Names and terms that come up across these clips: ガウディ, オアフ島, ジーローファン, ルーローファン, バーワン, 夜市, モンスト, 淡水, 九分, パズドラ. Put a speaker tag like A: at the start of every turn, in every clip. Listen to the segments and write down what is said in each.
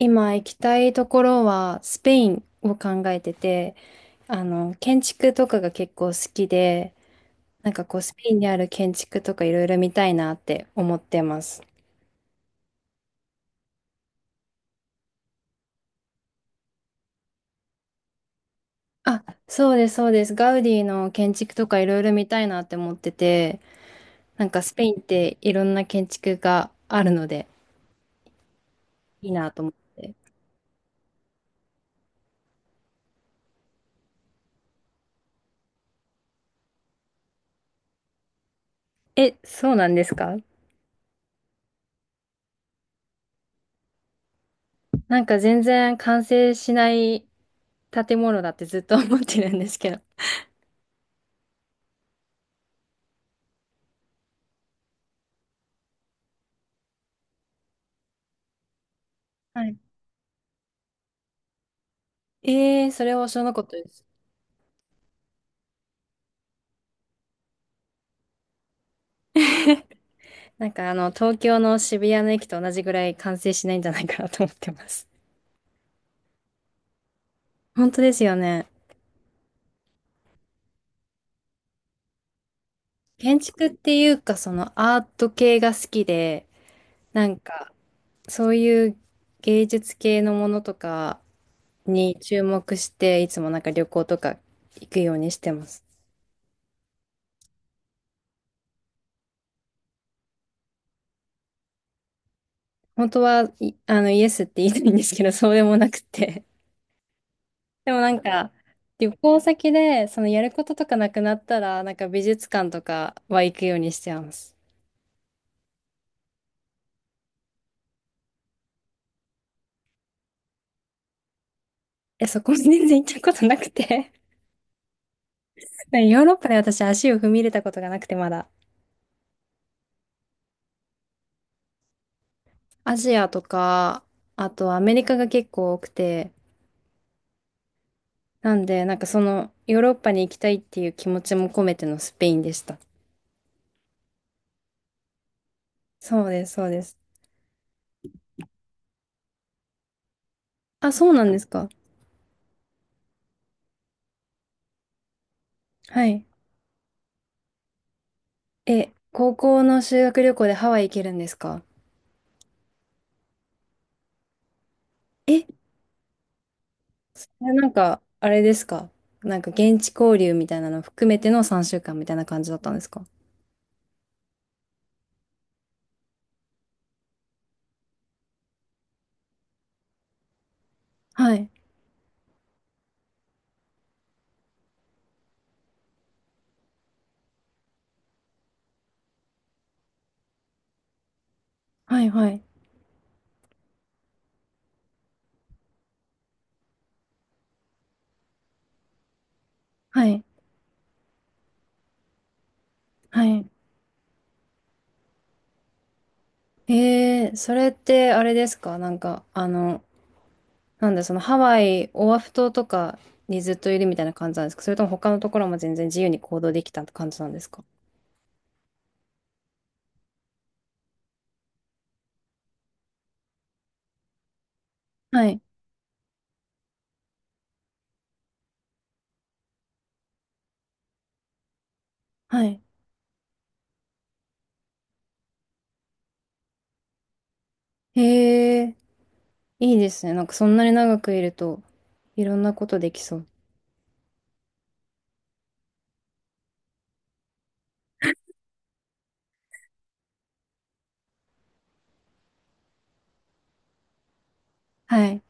A: 今行きたいところはスペインを考えてて、建築とかが結構好きで、なんかこうスペインにある建築とかいろいろ見たいなって思ってます。あ、そうです、そうです。ガウディの建築とかいろいろ見たいなって思ってて、なんかスペインっていろんな建築があるのでいいなと思って。え、そうなんですか？なんか全然完成しない建物だってずっと思ってるんですけど。はい。それは知らなかったです。なんか東京の渋谷の駅と同じぐらい完成しないんじゃないかなと思ってます。本当ですよね。建築っていうか、そのアート系が好きで、なんか、そういう芸術系のものとかに注目して、いつもなんか旅行とか行くようにしてます。本当は、イエスって言いたいんですけど、そうでもなくて。でもなんか、旅行先で、そのやることとかなくなったら、なんか美術館とかは行くようにしてます。え、そこに全然行ったことなくて。 ヨーロッパで私足を踏み入れたことがなくてまだ。アジアとか、あとアメリカが結構多くて、なんで、なんかその、ヨーロッパに行きたいっていう気持ちも込めてのスペインでした。そうです、そうです。あ、そうなんですか。はい。え、高校の修学旅行でハワイ行けるんですか？え、それなんか、あれですか？なんか現地交流みたいなの含めての3週間みたいな感じだったんですか？はい。はい、はい。はい。はい。それってあれですか？なんか、なんだ、そのハワイ、オアフ島とかにずっといるみたいな感じなんですか？それとも他のところも全然自由に行動できた感じなんですか？はい。はい。へえー、いいですね。なんかそんなに長くいると、いろんなことできそう。はい。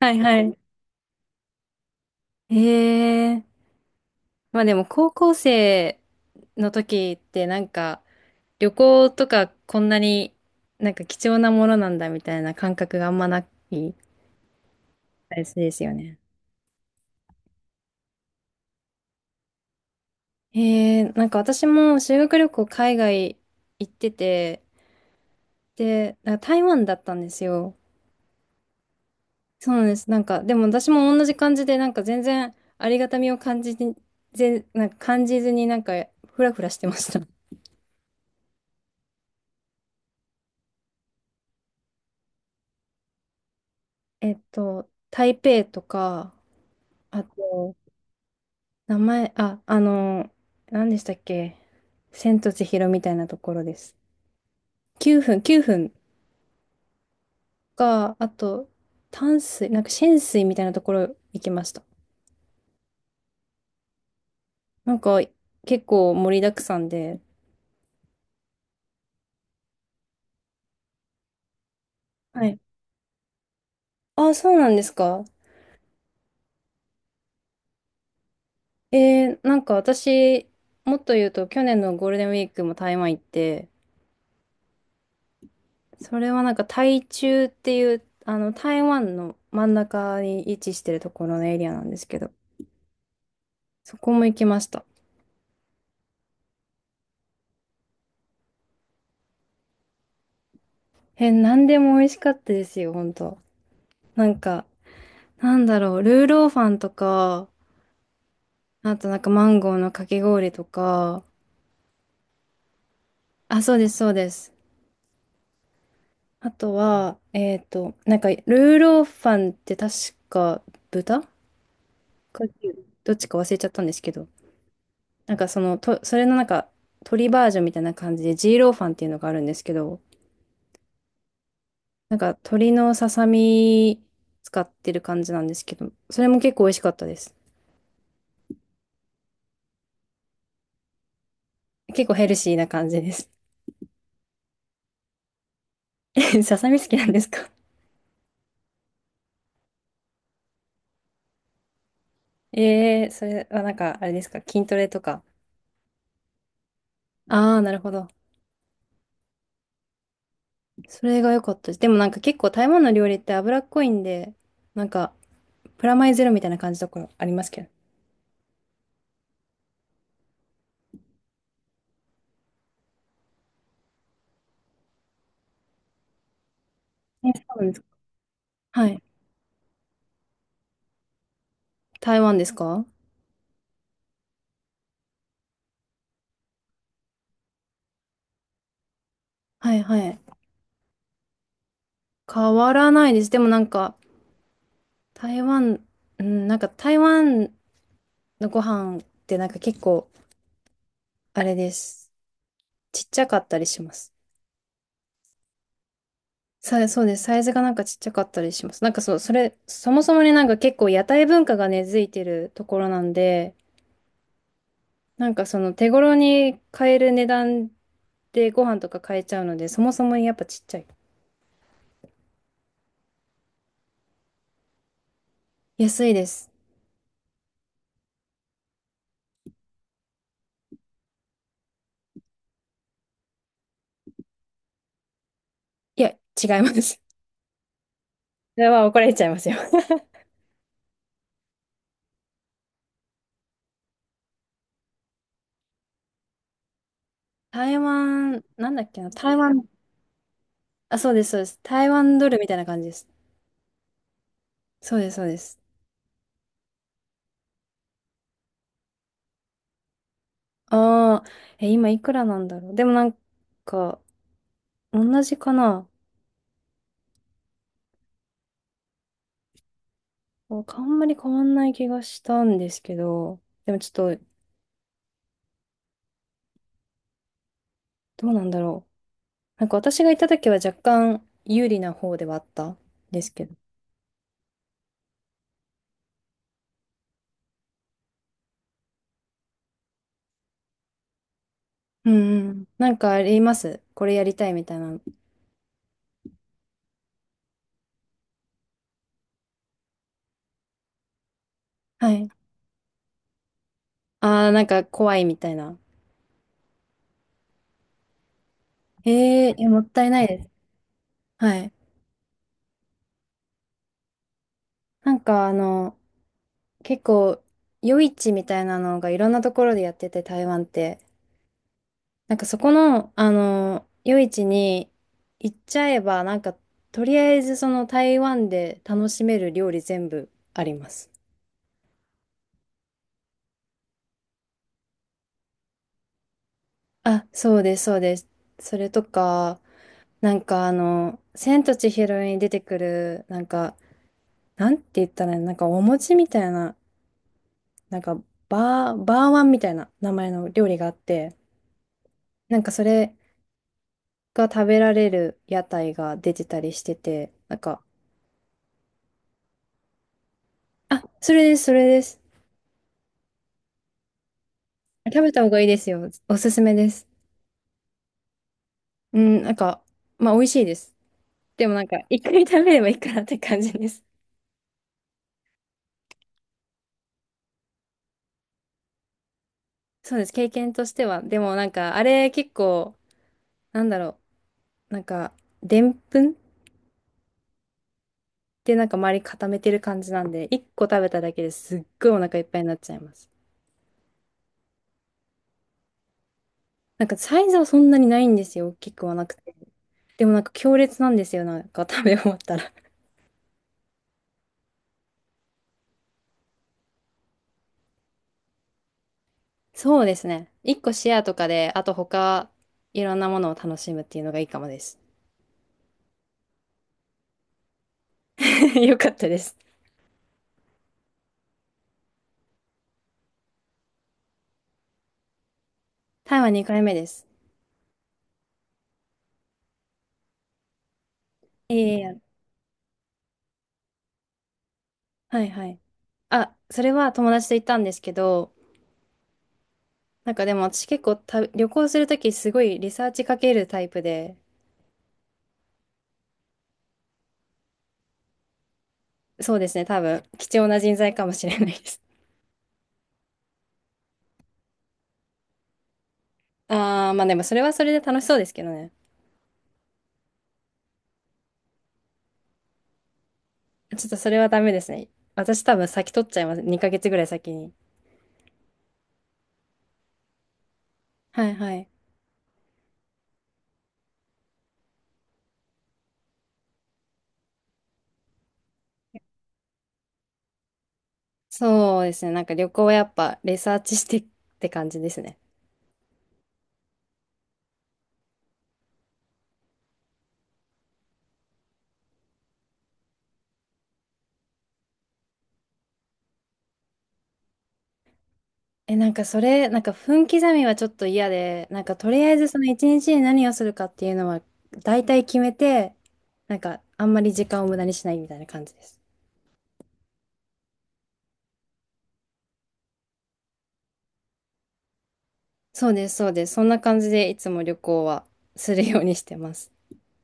A: はいはい。へえー、まあでも高校生の時ってなんか、旅行とかこんなになんか貴重なものなんだみたいな感覚があんまないですよね。なんか私も修学旅行海外行ってて、で、なんか台湾だったんですよ。そうなんです。なんか、でも私も同じ感じで、なんか全然ありがたみを感じて、なんか感じずになんかフラフラしてました。台北とか、あと、名前、あ、何でしたっけ？千と千尋みたいなところです。九分、九分か、あと、淡水、なんか浅水みたいなところ行きました。なんか結構盛りだくさんで。はい。あそうなんですか。なんか私、もっと言うと去年のゴールデンウィークも台湾行って、それはなんか台中っていう、あの台湾の真ん中に位置してるところのエリアなんですけど、そこも行きました。えなんでも美味しかったですよ、本当。なんか、なんだろう、ルーローファンとか、あとなんかマンゴーのかき氷とか、あ、そうです、そうです。あとは、なんか、ーローファンって確か豚か牛どっちか忘れちゃったんですけど、なんかその、それのなんか、鶏バージョンみたいな感じで、ジーローファンっていうのがあるんですけど、なんか、鶏のささみ使ってる感じなんですけど、それも結構美味しかったです。結構ヘルシーな感じです。えささみ好きなんですか？え。 それはなんか、あれですか、筋トレとか。ああ、なるほど。それが良かったです。でもなんか結構台湾の料理って脂っこいんで、なんか、プラマイゼロみたいな感じのところありますけど。え、そうなんですか。はい。台湾ですか？はいはい。変わらないです。でもなんか、台湾、うん、なんか台湾のご飯ってなんか結構、あれです。ちっちゃかったりします。そうです。サイズがなんかちっちゃかったりします。なんかそう、それ、そもそもね、なんか結構屋台文化が根付いてるところなんで、なんかその手頃に買える値段でご飯とか買えちゃうので、そもそもやっぱちっちゃい。安いです。いや、違います。それは怒られちゃいますよ。台湾、なんだっけな、台湾、あ、そうです、そうです。台湾ドルみたいな感じです。そうです、そうです。ああ、え、今いくらなんだろう。でもなんか、同じかな。なんかあんまり変わんない気がしたんですけど、でもちょっと、どうなんだろう。なんか私が行った時は若干有利な方ではあったんですけど。うんうん。なんかありますこれやりたいみたいな。はい。ああ、なんか怖いみたいな。ええ、いやもったいないです。はい。なんか結構、夜市みたいなのがいろんなところでやってて、台湾って。なんかそこの、夜市に行っちゃえば、なんか、とりあえずその台湾で楽しめる料理全部あります。あ、そうです、そうです。それとか、なんか千と千尋に出てくる、なんか、なんて言ったらいいの、なんかお餅みたいな、なんか、バーワンみたいな名前の料理があって、なんかそれ、が食べられる屋台が出てたりしてて、なんか、あ、それです、それです。食べた方がいいですよ。おすすめです。うん、なんか、まあ、美味しいです。でもなんか、一回食べればいいかなって感じです。そうです、経験としては。でもなんか、あれ結構、なんだろう、なんか、でんぷんってなんか周り固めてる感じなんで、一個食べただけですっごいお腹いっぱいになっちゃいます。なんか、サイズはそんなにないんですよ。大きくはなくて。でもなんか強烈なんですよ、なんか食べ終わったら。そうですね。一個シェアとかで、あと他、いろんなものを楽しむっていうのがいいかもです。よかったです。台湾2回目です。いえいえ、はいはい。あ、それは友達と行ったんですけど、なんかでも私結構旅行するときすごいリサーチかけるタイプで、そうですね、多分貴重な人材かもしれないです。あー、まあでもそれはそれで楽しそうですけどね。ちょっとそれはダメですね。私多分先取っちゃいます。2ヶ月ぐらい先に。はいはい。そうですね。なんか旅行はやっぱレサーチしてって感じですね。え、なんかそれ、なんか分刻みはちょっと嫌で、なんかとりあえずその一日に何をするかっていうのは大体決めて、なんかあんまり時間を無駄にしないみたいな感じです。そうです、そうです。そんな感じでいつも旅行はするようにしてます。